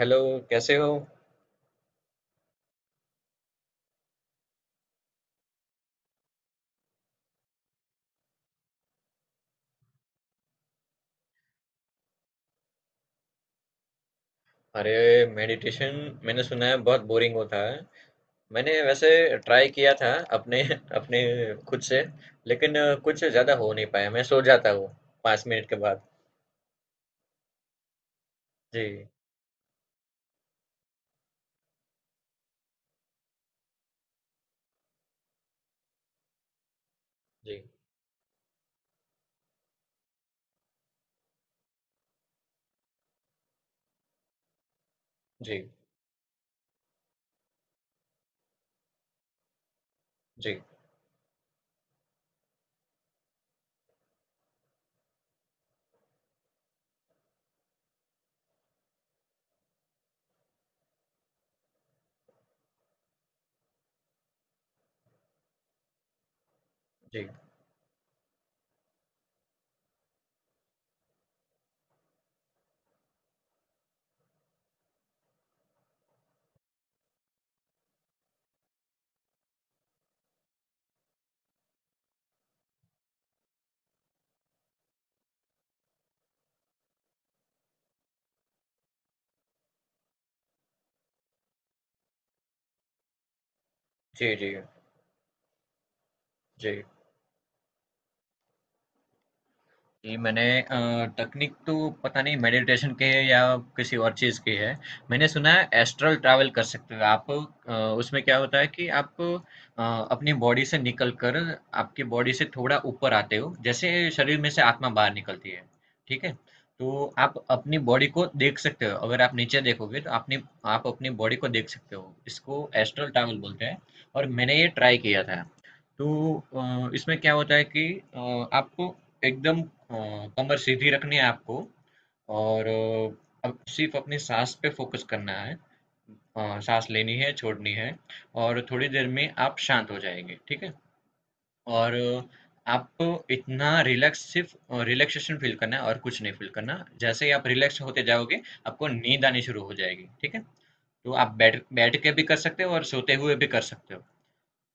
Hello. कैसे हो? अरे, मेडिटेशन। मैंने सुना है बहुत बोरिंग होता है। मैंने वैसे ट्राई किया था अपने अपने खुद से। लेकिन कुछ ज़्यादा हो नहीं पाया, मैं सो जाता हूँ पाँच मिनट के बाद। जी, जी, जी, जी, जी, जी, जी, जी। जी, मैंने तकनीक तो पता नहीं मेडिटेशन की है या किसी और चीज की है। मैंने सुना है एस्ट्रल ट्रैवल कर सकते हो आप। अ, उसमें क्या होता है कि आप अपनी बॉडी से निकल कर आपकी बॉडी से थोड़ा ऊपर आते हो जैसे शरीर में से आत्मा बाहर निकलती है। ठीक है। तो आप अपनी बॉडी को देख सकते हो, अगर आप नीचे देखोगे तो आपने आप अपनी बॉडी को देख सकते हो, इसको एस्ट्रल ट्रैवल बोलते हैं। और मैंने ये ट्राई किया था। तो इसमें क्या होता है कि आपको एकदम कमर सीधी रखनी है आपको। और अब सिर्फ अपनी सांस पे फोकस करना है। सांस लेनी है, छोड़नी है। और थोड़ी देर में आप शांत हो जाएंगे, ठीक है। और आपको इतना रिलैक्स, सिर्फ रिलैक्सेशन फील करना है और कुछ नहीं फील करना। जैसे ही आप रिलैक्स होते जाओगे आपको नींद आनी शुरू हो जाएगी, ठीक है। तो आप बैठ बैठ के भी कर सकते हो और सोते हुए भी कर सकते हो।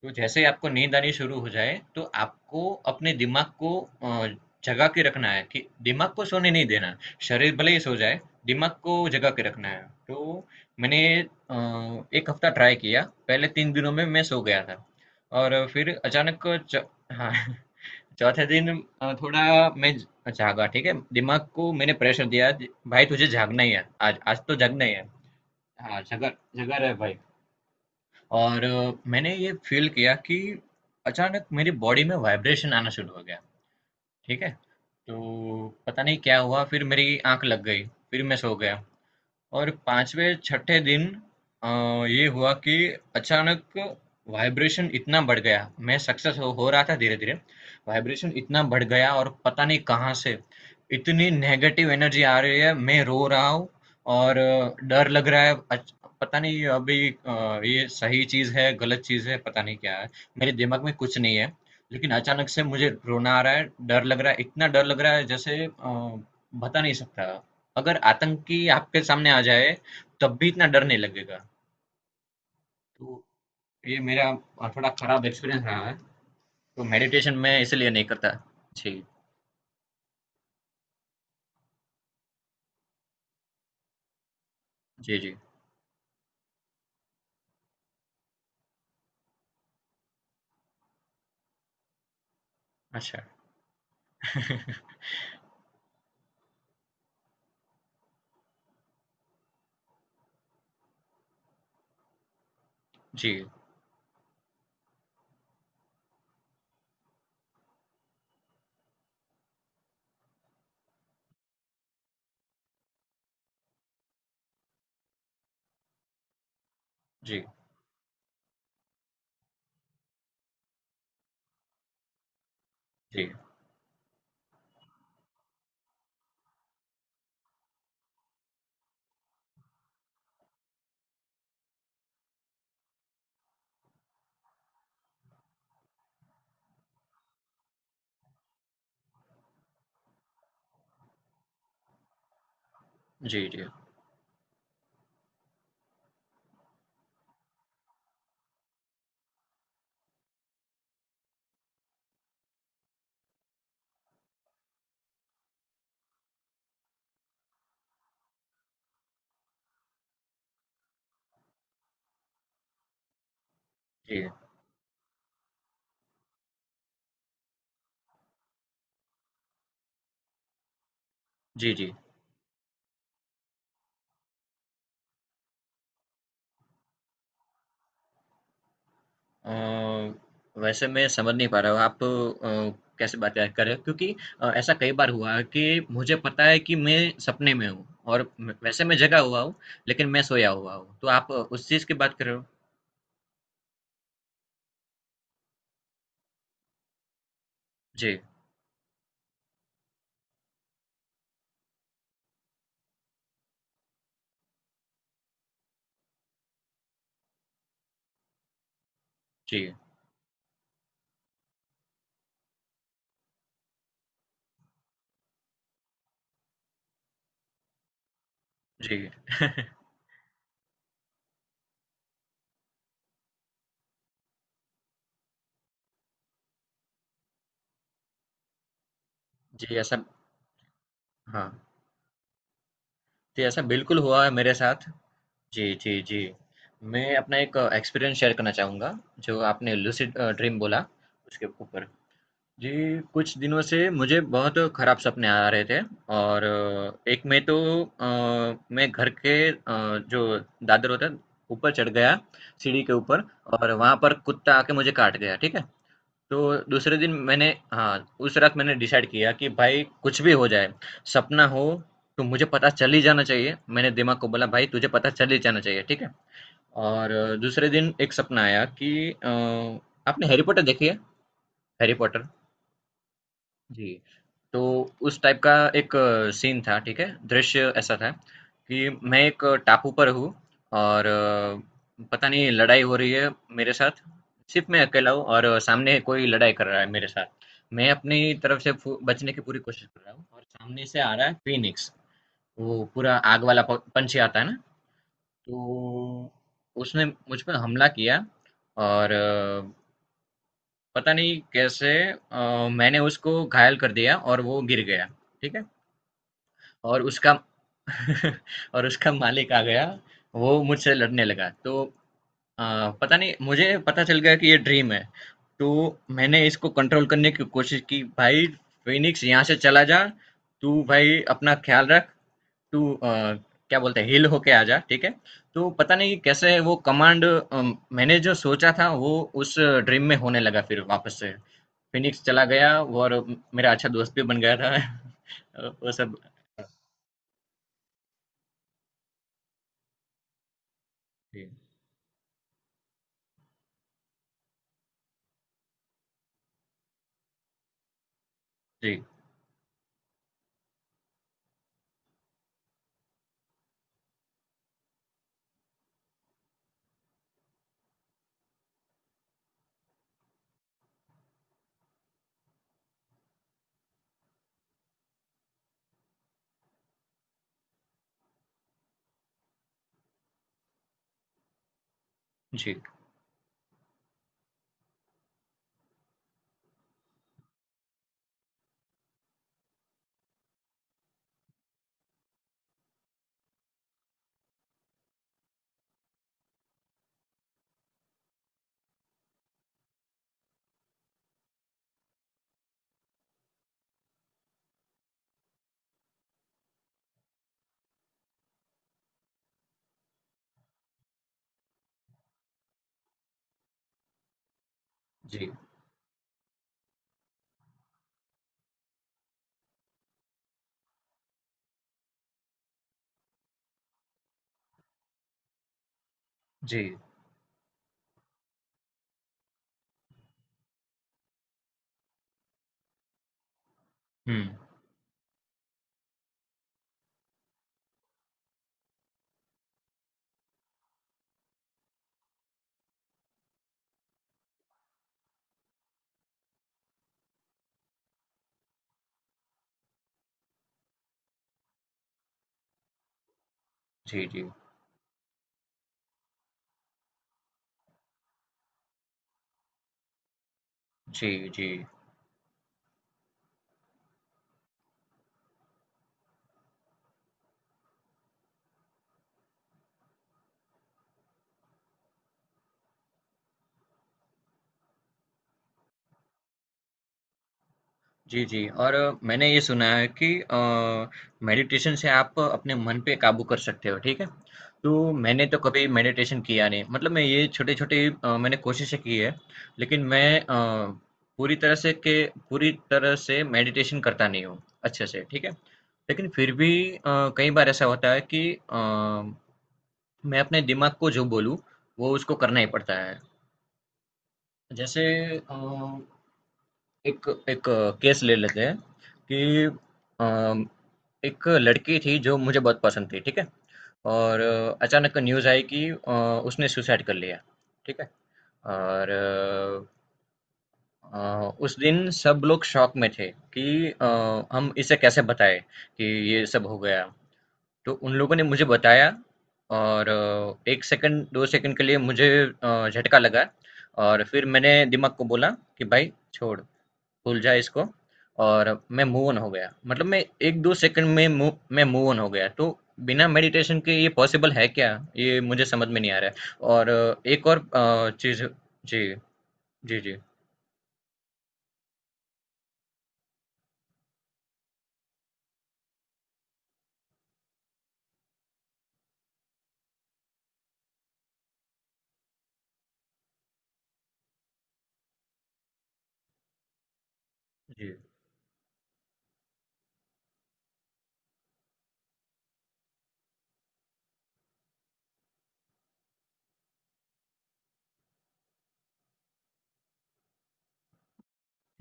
तो जैसे ही आपको नींद आनी शुरू हो जाए तो आपको अपने दिमाग को अ, जगा के रखना है कि दिमाग को सोने नहीं देना। शरीर भले ही सो जाए, दिमाग को जगा के रखना है। तो मैंने एक हफ्ता ट्राई किया। पहले तीन दिनों में मैं सो गया था और फिर अचानक हाँ, चौथे दिन थोड़ा मैं जागा, ठीक है। दिमाग को मैंने प्रेशर दिया, भाई तुझे जागना ही है, आज आज तो जागना ही है। हाँ, जगा, जगा रहे भाई। और मैंने ये फील किया कि अचानक मेरी बॉडी में वाइब्रेशन आना शुरू हो गया, ठीक है। तो पता नहीं क्या हुआ, फिर मेरी आंख लग गई, फिर मैं सो गया। और पाँचवें छठे दिन अ, ये हुआ कि अचानक वाइब्रेशन इतना बढ़ गया, मैं सक्सेस हो रहा था धीरे धीरे। वाइब्रेशन इतना बढ़ गया और पता नहीं कहाँ से इतनी नेगेटिव एनर्जी आ रही है, मैं रो रहा हूँ। और डर लग रहा है, पता नहीं अभी ये सही चीज़ है, गलत चीज़ है, पता नहीं क्या है। मेरे दिमाग में कुछ नहीं है, लेकिन अचानक से मुझे रोना आ रहा है, डर लग रहा है, इतना डर लग रहा है जैसे बता नहीं सकता। अगर आतंकी आपके सामने आ जाए, तब भी इतना डर नहीं लगेगा। तो ये मेरा थोड़ा खराब एक्सपीरियंस रहा है। तो मेडिटेशन मैं इसलिए नहीं करता। जी, जी, जी। अच्छा। जी, जी, जी, जी, जी, जी, जी, जी। अ, वैसे मैं समझ नहीं पा रहा हूँ, आप कैसे बातें कर रहे हो? क्योंकि ऐसा कई बार हुआ है कि मुझे पता है कि मैं सपने में हूँ और वैसे मैं जगा हुआ हूँ, लेकिन मैं सोया हुआ हूँ। तो आप उस चीज़ की बात कर रहे हो? जी, जी, जी। जी, ऐसा, हाँ, जी ऐसा बिल्कुल हुआ है मेरे साथ। जी, जी, जी। मैं अपना एक एक्सपीरियंस शेयर करना चाहूँगा, जो आपने लूसिड ड्रीम बोला, उसके ऊपर। जी, कुछ दिनों से मुझे बहुत खराब सपने आ रहे थे और एक में तो अ, मैं घर के जो दादर होता है, ऊपर चढ़ गया, सीढ़ी के ऊपर, और वहाँ पर कुत्ता आके मुझे काट गया, ठीक है? तो दूसरे दिन मैंने, हाँ, उस रात मैंने डिसाइड किया कि भाई कुछ भी हो जाए, सपना हो तो मुझे पता चल ही जाना चाहिए। मैंने दिमाग को बोला, भाई तुझे पता चल ही जाना चाहिए, ठीक है? और दूसरे दिन एक सपना आया कि आपने हैरी पॉटर देखी है? Harry Potter. जी, तो उस टाइप का एक सीन था, ठीक है? दृश्य ऐसा था कि मैं एक टापू पर हूँ और पता नहीं लड़ाई हो रही है मेरे साथ। सिर्फ मैं अकेला हूँ और सामने कोई लड़ाई कर रहा है मेरे साथ। मैं अपनी तरफ से बचने की पूरी कोशिश कर रहा हूँ और सामने से आ रहा है फीनिक्स। वो पूरा आग वाला पंछी आता है ना, तो उसने मुझ पर हमला किया और पता नहीं कैसे मैंने उसको घायल कर दिया और वो गिर गया, ठीक है। और उसका और उसका मालिक आ गया, वो मुझसे लड़ने लगा तो अ, पता नहीं मुझे पता चल गया कि ये ड्रीम है। तो मैंने इसको कंट्रोल करने की कोशिश की, भाई फिनिक्स यहाँ से चला जा, तू भाई अपना ख्याल रख। तू क्या बोलते हैं, हिल होके आ जा, ठीक है। तो पता नहीं कैसे वो कमांड, मैंने जो सोचा था वो उस ड्रीम में होने लगा फिर वापस से। फ़िनिक्स चला गया और मेरा अच्छा दोस्त भी बन गया था। वो सब। जी, जी, जी, जी, जी। हुँ। जी, जी। जी, जी। जी, जी। और मैंने ये सुना है कि मेडिटेशन से आप अपने मन पे काबू कर सकते हो, ठीक है? तो मैंने तो कभी मेडिटेशन किया नहीं। मतलब मैं ये छोटी-छोटी मैंने कोशिशें की है, लेकिन मैं पूरी तरह से के पूरी तरह से मेडिटेशन करता नहीं हूँ अच्छे से, ठीक है? लेकिन फिर भी कई बार ऐसा होता है कि अ, मैं अपने दिमाग को जो बोलूँ, वो उसको करना ही पड़ता है। जैसे अ, एक एक केस ले लेते हैं कि अ, एक लड़की थी जो मुझे बहुत पसंद थी, ठीक है? और अचानक न्यूज़ आई कि उसने सुसाइड कर लिया, ठीक है? और उस दिन सब लोग शॉक में थे कि अ, हम इसे कैसे बताएँ कि ये सब हो गया। तो उन लोगों ने मुझे बताया और 1 सेकंड 2 सेकंड के लिए मुझे झटका लगा और फिर मैंने दिमाग को बोला कि भाई छोड़, भूल जा इसको, और मैं मूव ऑन हो गया। मतलब मैं 1-2 सेकंड में मूव ऑन हो गया। तो बिना मेडिटेशन के ये पॉसिबल है क्या? ये मुझे समझ में नहीं आ रहा है। और एक और चीज़, जी, जी, जी, जी,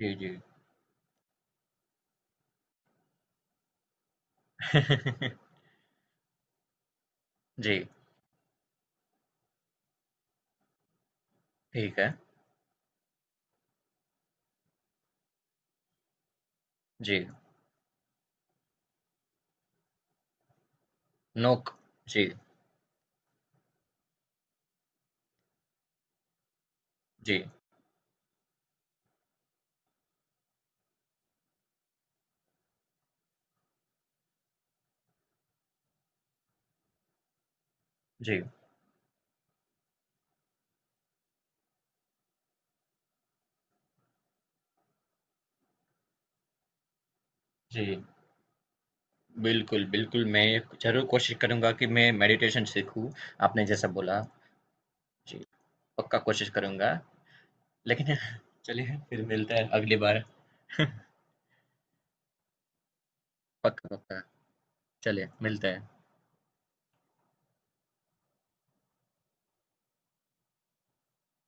जी, जी। जी, ठीक है। जी, नोक। जी, जी, जी, जी। बिल्कुल, बिल्कुल, मैं ज़रूर कोशिश करूँगा कि मैं मेडिटेशन सीखूँ, आपने जैसा बोला। जी, पक्का कोशिश करूँगा। लेकिन चलिए फिर मिलते हैं अगली बार। पक्का, पक्का। चलिए, मिलते हैं।